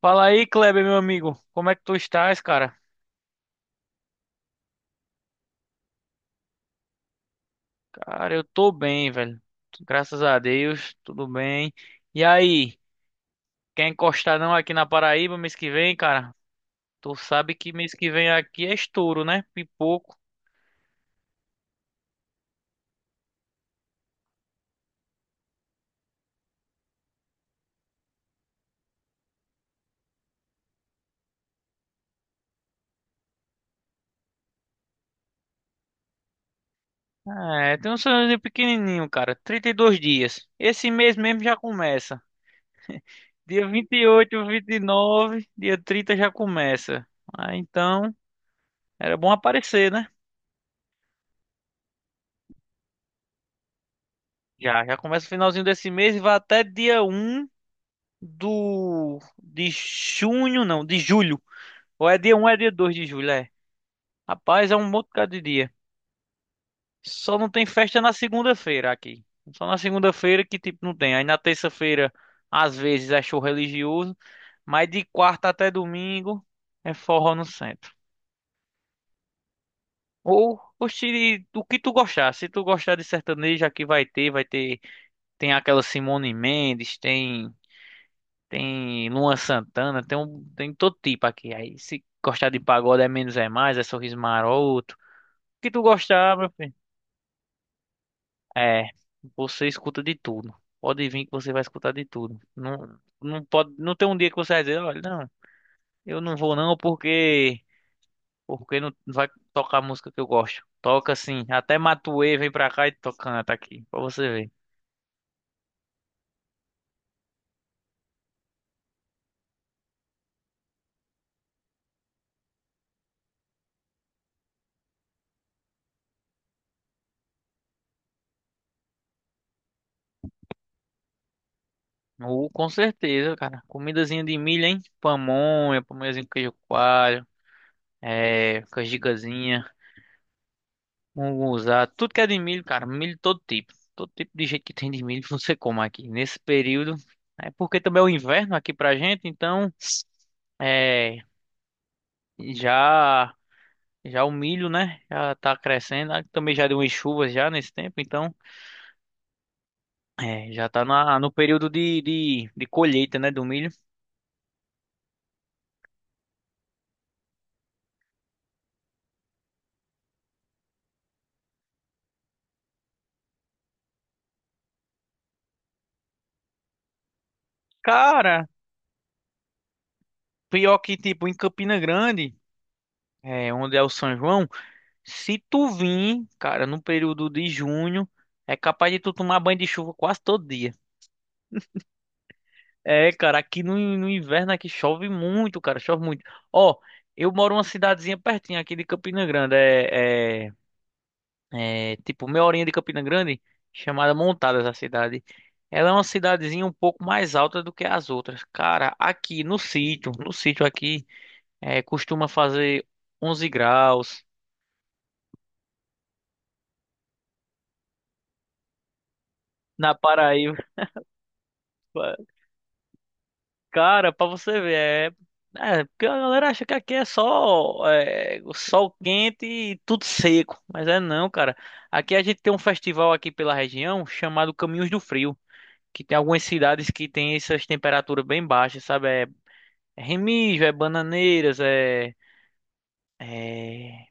Fala aí, Kleber, meu amigo. Como é que tu estás, cara? Cara, eu tô bem, velho. Graças a Deus, tudo bem. E aí, quer encostar não aqui na Paraíba mês que vem, cara? Tu sabe que mês que vem aqui é estouro, né? Pipoco. É, tem um sonhozinho pequenininho, cara. 32 dias. Esse mês mesmo já começa. Dia vinte e 29, dia 30 já começa. Ah, então, era bom aparecer, né? Já, já começa o finalzinho desse mês e vai até dia um. Do de junho, não, de julho. Ou é dia 1, é dia 2 de julho, é. Rapaz, é um monte de dia. Só não tem festa na segunda-feira aqui. Só na segunda-feira que tipo não tem. Aí na terça-feira às vezes é show religioso, mas de quarta até domingo é forró no centro. Ou oxe, o que tu gostar. Se tu gostar de sertanejo, aqui vai ter, tem aquela Simone Mendes, tem Luan Santana, tem um, tem todo tipo aqui. Aí se gostar de pagode é menos é mais, é sorriso maroto. O que tu gostar, meu filho? É, você escuta de tudo. Pode vir que você vai escutar de tudo. Não, não pode, não tem um dia que você vai dizer, olha, não, eu não vou não porque não vai tocar a música que eu gosto. Toca assim, até Matuê vem pra cá e canta aqui, pra você ver. Com certeza, cara. Comidazinha de milho, hein? Pamonha, pamonhazinho com queijo coalho. É, com as gigazinhas, munguzá, tudo que é de milho, cara, milho todo tipo. Todo tipo de jeito que tem de milho você come aqui. Nesse período, é porque também é o inverno aqui pra gente, então é, já já o milho, né, já tá crescendo. Ah, também já deu umas chuvas já nesse tempo, então é, já tá na, no período de colheita, né, do milho. Cara, pior que tipo em Campina Grande, é, onde é o São João, se tu vir, cara, no período de junho, é capaz de tu tomar banho de chuva quase todo dia. É, cara, aqui no inverno aqui chove muito, cara, chove muito. Ó, eu moro numa cidadezinha pertinho aqui de Campina Grande, é tipo meia horinha de Campina Grande, chamada Montadas a cidade. Ela é uma cidadezinha um pouco mais alta do que as outras. Cara, aqui no sítio, no sítio aqui, é, costuma fazer 11 graus. Na Paraíba. Cara, pra você ver, porque a galera acha que aqui é só é, o sol quente e tudo seco, mas é não, cara. Aqui a gente tem um festival aqui pela região chamado Caminhos do Frio, que tem algumas cidades que tem essas temperaturas bem baixas, sabe? É, é Remígio, é Bananeiras, é, é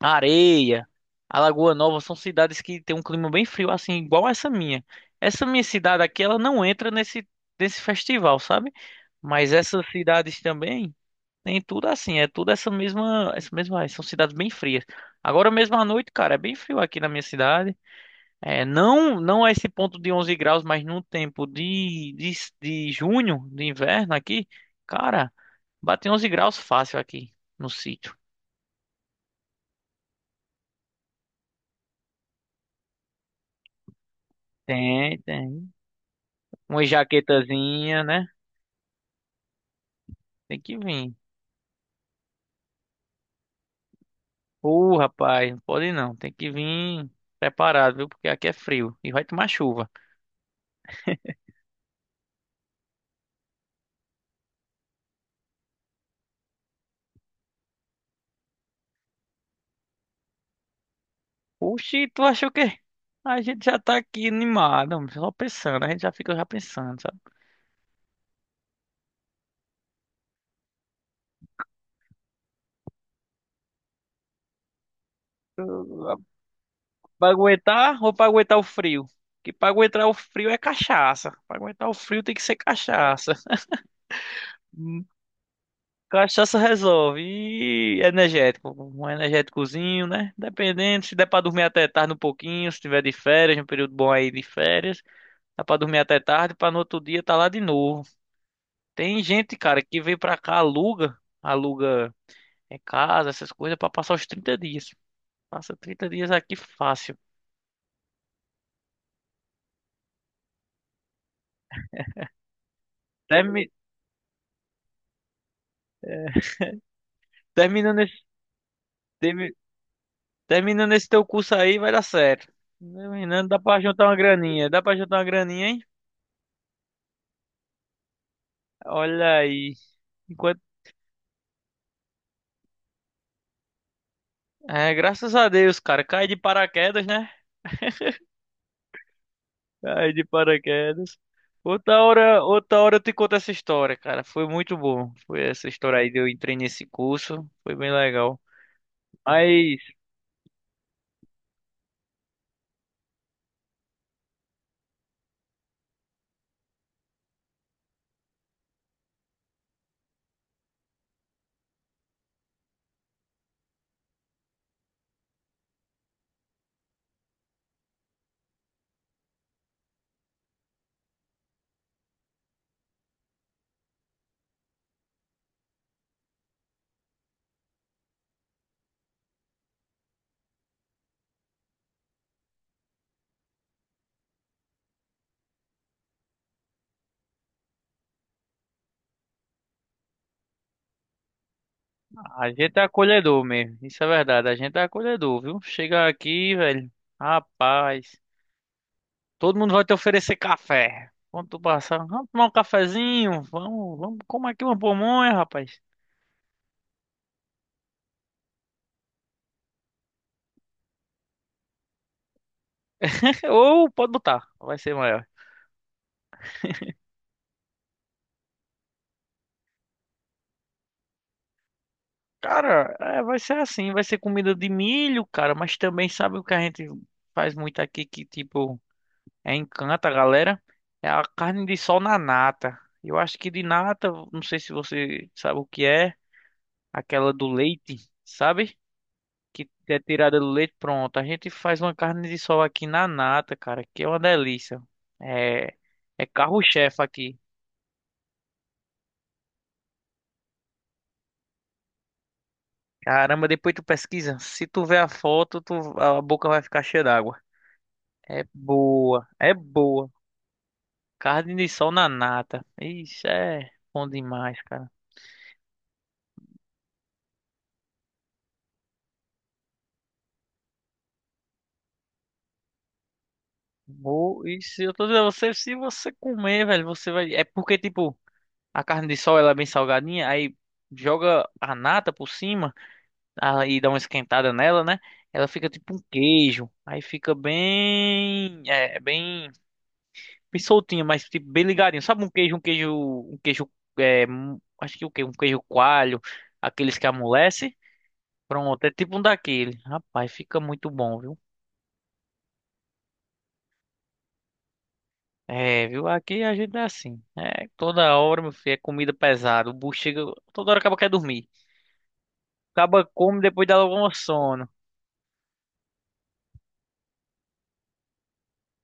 Areia, Alagoa Nova, são cidades que tem um clima bem frio, assim, igual essa minha. Essa minha cidade aqui, ela não entra nesse festival, sabe? Mas essas cidades também tem tudo assim, é tudo essa mesma, ah, são cidades bem frias. Agora mesmo à noite, cara, é bem frio aqui na minha cidade. É, não, não é esse ponto de 11 graus, mas no tempo de junho, de inverno aqui, cara, bate 11 graus fácil aqui no sítio. Tem, tem. Uma jaquetazinha, né? Tem que vir. Ô, rapaz, não pode não, tem que vir preparado, viu? Porque aqui é frio e vai tomar chuva. Oxi, tu achou que a gente já tá aqui animado, homem, só pensando, a gente já fica já pensando, sabe? Eu- ah, Pra aguentar ou pra aguentar o frio? Que pra aguentar o frio é cachaça. Pra aguentar o frio tem que ser cachaça. Hum, Cachaça resolve. E energético. Um energéticozinho, né? Dependendo, se der pra dormir até tarde um pouquinho, se tiver de férias, um período bom aí de férias, dá pra dormir até tarde, pra no outro dia tá lá de novo. Tem gente, cara, que vem pra cá, aluga em casa, essas coisas, pra passar os 30 dias. Passa 30 dias aqui fácil. Termi- terminando esse, termi- terminando esse teu curso aí, vai dar certo. Terminando, dá pra juntar uma graninha. Dá pra juntar uma graninha, hein? Olha aí. Enquanto... É, graças a Deus, cara. Cai de paraquedas, né? Cai de paraquedas. Outra hora eu te conto essa história, cara. Foi muito bom. Foi essa história aí de eu entrei nesse curso. Foi bem legal. Mas a gente é acolhedor mesmo, isso é verdade, a gente é acolhedor, viu? Chega aqui, velho, rapaz, todo mundo vai te oferecer café. Quando tu passar, vamos tomar um cafezinho, vamos, vamos comer aqui uma pamonha, rapaz. Ou pode botar, vai ser maior. Cara, é, vai ser assim, vai ser comida de milho, cara, mas também sabe o que a gente faz muito aqui que, tipo, é encanta a galera? É a carne de sol na nata. Eu acho que de nata, não sei se você sabe o que é. Aquela do leite, sabe? Que é tirada do leite, pronto. A gente faz uma carne de sol aqui na nata, cara, que é uma delícia. É, é carro-chefe aqui. Caramba, depois tu pesquisa. Se tu ver a foto, tu, a boca vai ficar cheia d'água. É boa, é boa. Carne de sol na nata. Isso é bom demais, cara. Vou, isso, eu tô dizendo a você, se você comer, velho, você vai. É porque, tipo, a carne de sol ela é bem salgadinha, aí joga a nata por cima. Ah, e dá uma esquentada nela, né? Ela fica tipo um queijo. Aí fica bem, é, bem, bem soltinha, mas tipo bem ligadinho. Sabe um queijo, é, acho que o quê? Um queijo coalho, aqueles que amolece. Pronto, é tipo um daquele. Rapaz, fica muito bom, viu? É, viu? Aqui a gente é assim. É, toda hora, meu filho, é comida pesada. O bucho chega, toda hora acaba quer dormir. Acaba come depois dá logo um sono.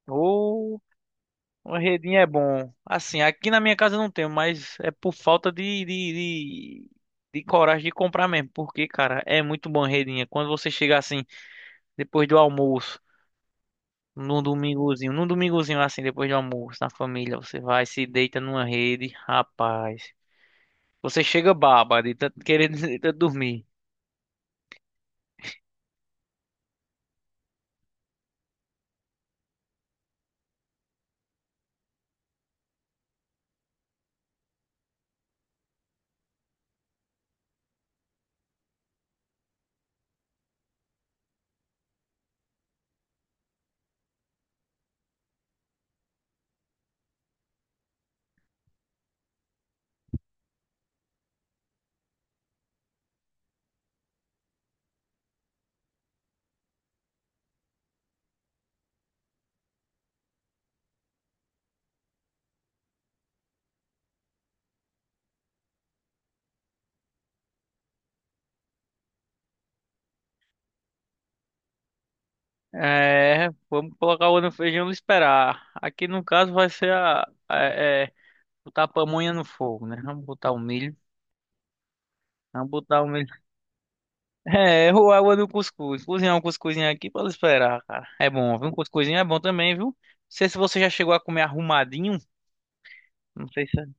Ô, uma redinha é bom. Assim, aqui na minha casa eu não tenho, mas é por falta de coragem de comprar mesmo. Porque, cara, é muito bom redinha. Quando você chega assim, depois do almoço, num domingozinho assim, depois do almoço, na família, você vai, se deita numa rede, rapaz. Você chega baba de tanto querer de tanto dormir. É, vamos colocar o no feijão e esperar. Aqui no caso vai ser é, botar a pamonha no fogo, né? Vamos botar o milho. Vamos botar o milho É, errou a água do cuscuz. Cozinhar um cuscuzinho aqui para esperar, cara. É bom, viu? Um cuscuzinho é bom também, viu? Não sei se você já chegou a comer arrumadinho. Não sei se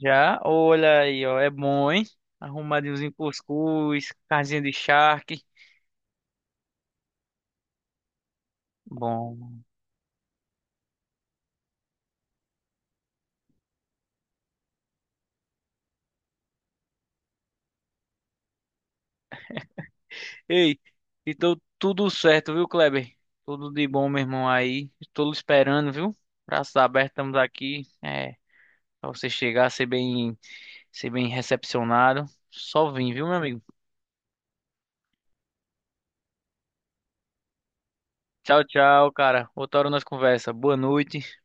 já. Olha aí, ó. É bom, hein? Arrumadinhozinho cuscuz, casinha de charque. Bom. Ei, então tudo certo, viu, Kleber? Tudo de bom, meu irmão, aí. Estou esperando, viu? Braços abertos, estamos aqui. É, pra você chegar, ser bem recepcionado. Só vim, viu, meu amigo? Tchau, tchau, cara. Outra hora nós conversa. Boa noite.